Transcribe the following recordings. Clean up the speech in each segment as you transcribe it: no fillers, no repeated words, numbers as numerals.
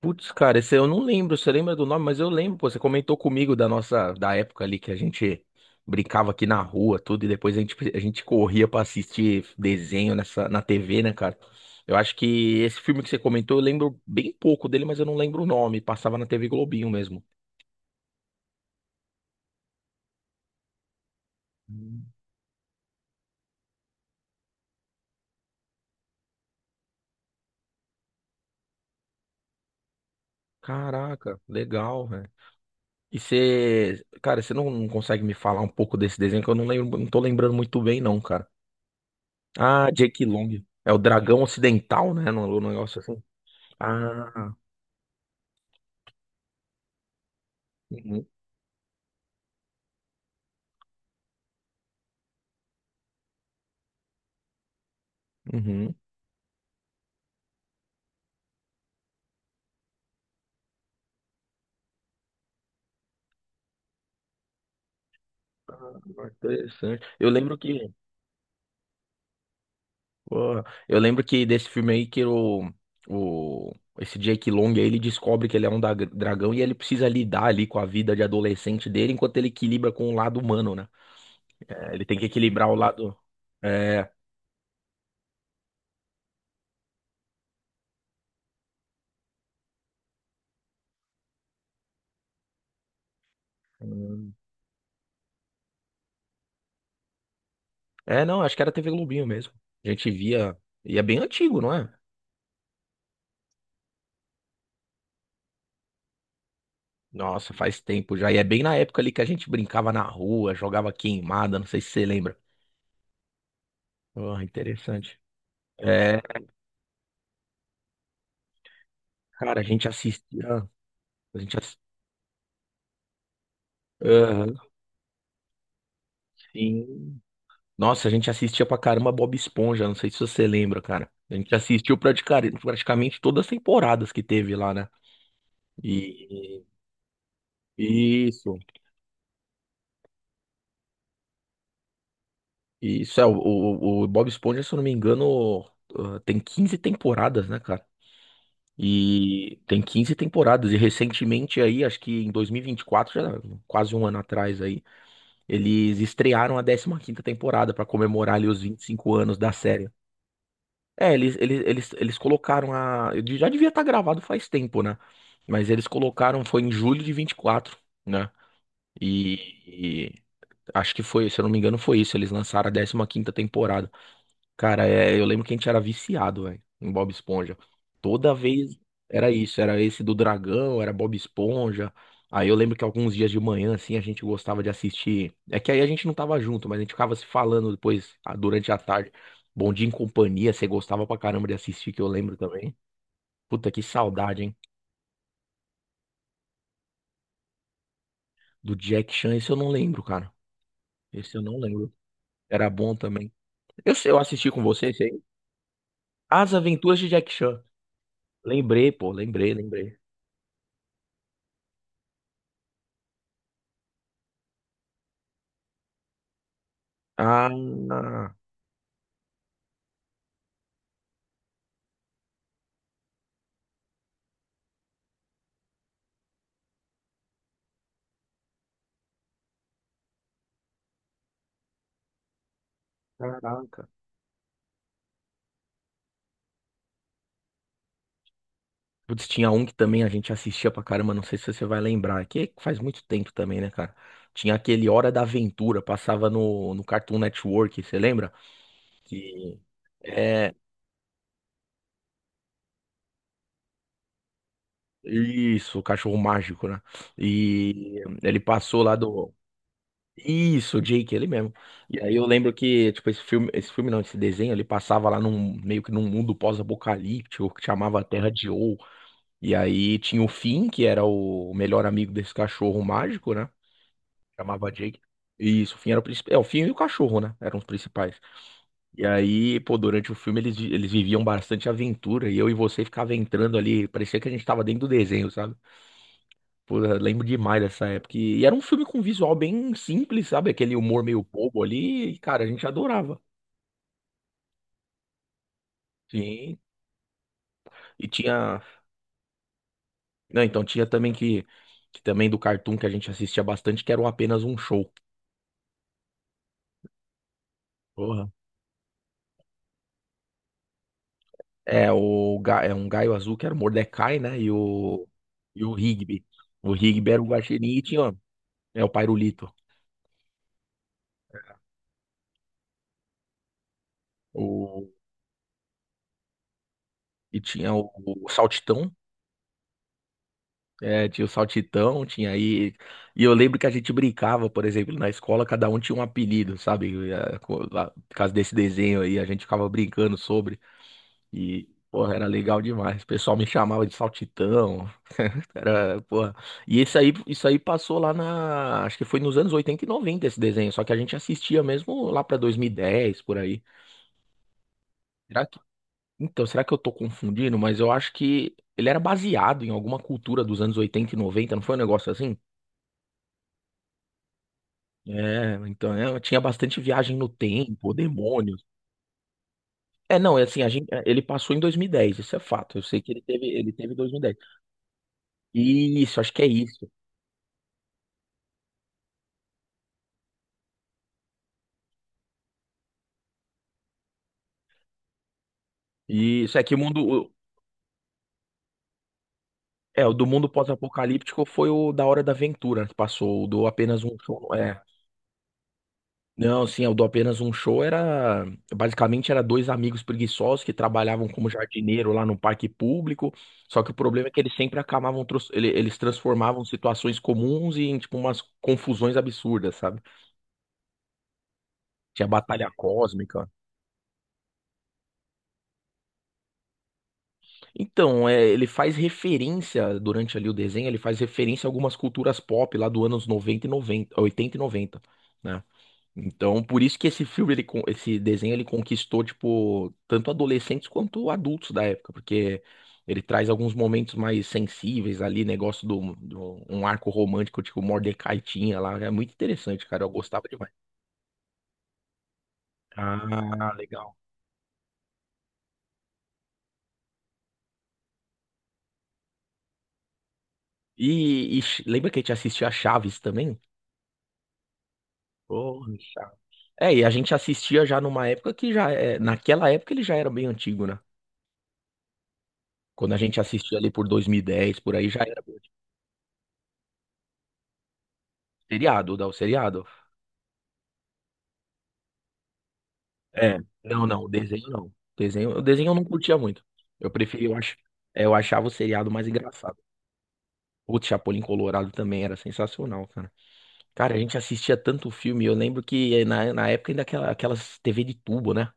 Putz, cara, esse eu não lembro. Você lembra do nome? Mas eu lembro, pô. Você comentou comigo da época ali que a gente brincava aqui na rua, tudo, e depois a gente corria pra assistir desenho na TV, né, cara? Eu acho que esse filme que você comentou, eu lembro bem pouco dele, mas eu não lembro o nome. Passava na TV Globinho mesmo. Hum. Caraca, legal, velho. E você, cara, você não consegue me falar um pouco desse desenho que eu não lembro, não tô lembrando muito bem, não, cara. Ah, Jake Long. É o Dragão Ocidental, né? No negócio assim. Ah, uhum, uhum. Interessante. Eu lembro que, pô, eu lembro que desse filme aí que o esse Jake Long aí, ele descobre que ele é um dragão e ele precisa lidar ali com a vida de adolescente dele enquanto ele equilibra com o lado humano, né? É, ele tem que equilibrar o lado. É, hum. é, não, acho que era TV Globinho mesmo. A gente via, e é bem antigo, não é? Nossa, faz tempo já. E é bem na época ali que a gente brincava na rua, jogava queimada, não sei se você lembra. Oh, interessante. Cara, a gente assistia. A gente ass- Aham, sim. Nossa, a gente assistia pra caramba Bob Esponja. Não sei se você lembra, cara. A gente assistiu praticamente todas as temporadas que teve lá, né? E isso. E isso é, o Bob Esponja, se eu não me engano, ah, tem 15 temporadas, né, cara? E tem 15 temporadas. E recentemente aí, acho que em 2024, já quase um ano atrás aí, eles estrearam a décima quinta temporada pra comemorar ali os 25 anos da série. É, eles colocaram a. Já devia estar gravado faz tempo, né? Mas eles colocaram, foi em julho de 24, né? E, e acho que foi, se eu não me engano, foi isso. Eles lançaram a décima quinta temporada. Cara, é, eu lembro que a gente era viciado, velho, em Bob Esponja. Toda vez era isso, era esse do dragão, era Bob Esponja. Aí eu lembro que alguns dias de manhã, assim, a gente gostava de assistir. É que aí a gente não tava junto, mas a gente ficava se falando depois, ah, durante a tarde. Bom Dia em Companhia, você gostava pra caramba de assistir, que eu lembro também. Puta, que saudade, hein? Do Jack Chan, esse eu não lembro, cara. Esse eu não lembro. Era bom também. Eu, sei, eu assisti com você, esse aí. As Aventuras de Jack Chan. Lembrei, pô, lembrei. Ah, caraca. Putz, tinha um que também a gente assistia pra caramba, não sei se você vai lembrar, que faz muito tempo também, né, cara? Tinha aquele Hora da Aventura, passava no Cartoon Network, você lembra? Que é isso, o cachorro mágico, né? E ele passou lá do isso, o Jake, ele mesmo. E aí eu lembro que, tipo, esse filme não, esse desenho, ele passava lá num meio que num mundo pós-apocalíptico que chamava Terra de Ou. E aí tinha o Finn, que era o melhor amigo desse cachorro mágico, né? Chamava Jake. Isso, o Finn era o principal. É, o Finn e o cachorro, né? Eram os principais. E aí, pô, durante o filme eles, eles viviam bastante aventura e eu e você ficava entrando ali. Parecia que a gente tava dentro do desenho, sabe? Pô, eu lembro demais dessa época. E era um filme com visual bem simples, sabe? Aquele humor meio bobo ali. E, cara, a gente adorava. Sim. E tinha. Não, então tinha também que. Que também do cartoon que a gente assistia bastante, que era o Apenas um Show. Porra, é, é um Gaio Azul que era o Mordecai, né? E o Rigby. O Rigby era o guaxinim e tinha é, o Pairulito. O, e tinha o Saltitão. É, tinha o Saltitão, tinha aí. E eu lembro que a gente brincava, por exemplo, na escola, cada um tinha um apelido, sabe? É, por causa desse desenho aí, a gente ficava brincando sobre. E, porra, era legal demais. O pessoal me chamava de Saltitão. Cara, porra. E esse aí, isso aí passou lá na. Acho que foi nos anos 80 e 90 esse desenho. Só que a gente assistia mesmo lá pra 2010 por aí. Será que... Então, será que eu tô confundindo? Mas eu acho que ele era baseado em alguma cultura dos anos 80 e 90. Não foi um negócio assim? É, então é, tinha bastante viagem no tempo, demônios. É, não, é assim, ele passou em 2010. Isso é fato. Eu sei que ele teve 2010. Isso, acho que é isso. Isso, é que o mundo, é, o do mundo pós-apocalíptico foi o da Hora da Aventura que passou, o do apenas um show, é. Não, sim, é, o do apenas um show era basicamente era dois amigos preguiçosos que trabalhavam como jardineiro lá no parque público. Só que o problema é que eles sempre acabavam eles transformavam situações comuns em tipo umas confusões absurdas, sabe? Tinha batalha cósmica. Então, é, ele faz referência durante ali o desenho, ele faz referência a algumas culturas pop lá do anos 90 e 90 80 e noventa, né? Então, por isso que esse filme, ele, esse desenho, ele conquistou, tipo, tanto adolescentes quanto adultos da época, porque ele traz alguns momentos mais sensíveis ali, um arco romântico, tipo, Mordecai tinha lá, é muito interessante, cara, eu gostava demais. Ah, legal. E, lembra que a gente assistia a Chaves também? Porra, chato. É, e a gente assistia já numa época que já, é, naquela época ele já era bem antigo, né? Quando a gente assistia ali por 2010, por aí já era bem antigo. Seriado, dá o seriado. É, não, não, desenho não. Desenho, o desenho eu não curtia muito. Eu preferia, eu acho, é, eu achava o seriado mais engraçado. Putz, Chapolin Colorado também era sensacional, cara. Cara, a gente assistia tanto filme, eu lembro que na época ainda aquela, aquelas TV de tubo, né?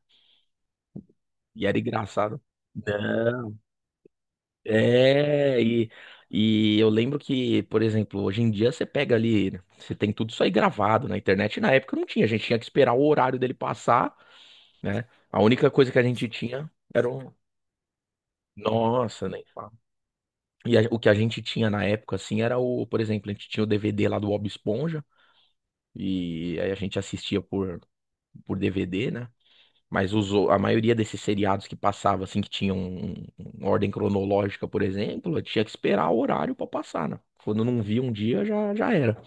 E era engraçado. Não, é, e eu lembro que, por exemplo, hoje em dia você pega ali, né, você tem tudo isso aí gravado na internet. Na época não tinha, a gente tinha que esperar o horário dele passar, né? A única coisa que a gente tinha era o... Nossa, nem fala. O que a gente tinha na época, assim, era o, por exemplo, a gente tinha o DVD lá do Bob Esponja, e aí a gente assistia por DVD, né? Mas a maioria desses seriados que passava, assim, que tinham uma ordem cronológica, por exemplo, eu tinha que esperar o horário pra passar, né? Quando não via um dia, já era.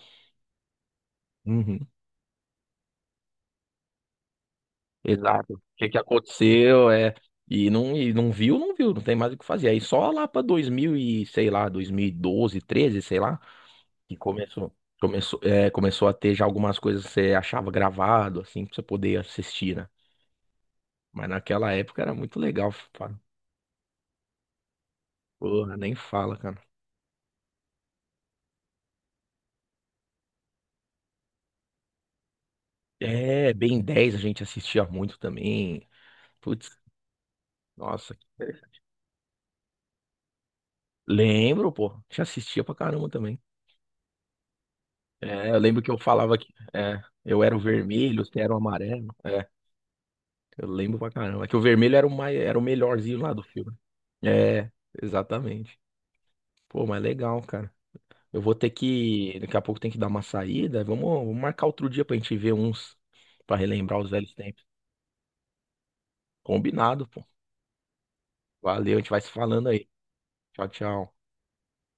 Uhum, exato. O que que aconteceu, é... e não viu, não viu, não tem mais o que fazer. Aí só lá pra 2000 e, sei lá, 2012, 13, sei lá, e começou, começou a ter já algumas coisas que você achava gravado, assim, pra você poder assistir, né? Mas naquela época era muito legal, cara. Porra, nem fala, cara. É, Ben 10 a gente assistia muito também. Putz, nossa. Lembro, pô. A gente assistia pra caramba também. É, eu lembro que eu falava que é, eu era o vermelho, você era o amarelo. É, eu lembro pra caramba. É que o vermelho era era o melhorzinho lá do filme. É, exatamente. Pô, mas legal, cara. Eu vou ter que. Daqui a pouco tem que dar uma saída. Vamos marcar outro dia pra gente ver uns. Pra relembrar os velhos tempos. Combinado, pô. Valeu, a gente vai se falando aí. Tchau, tchau.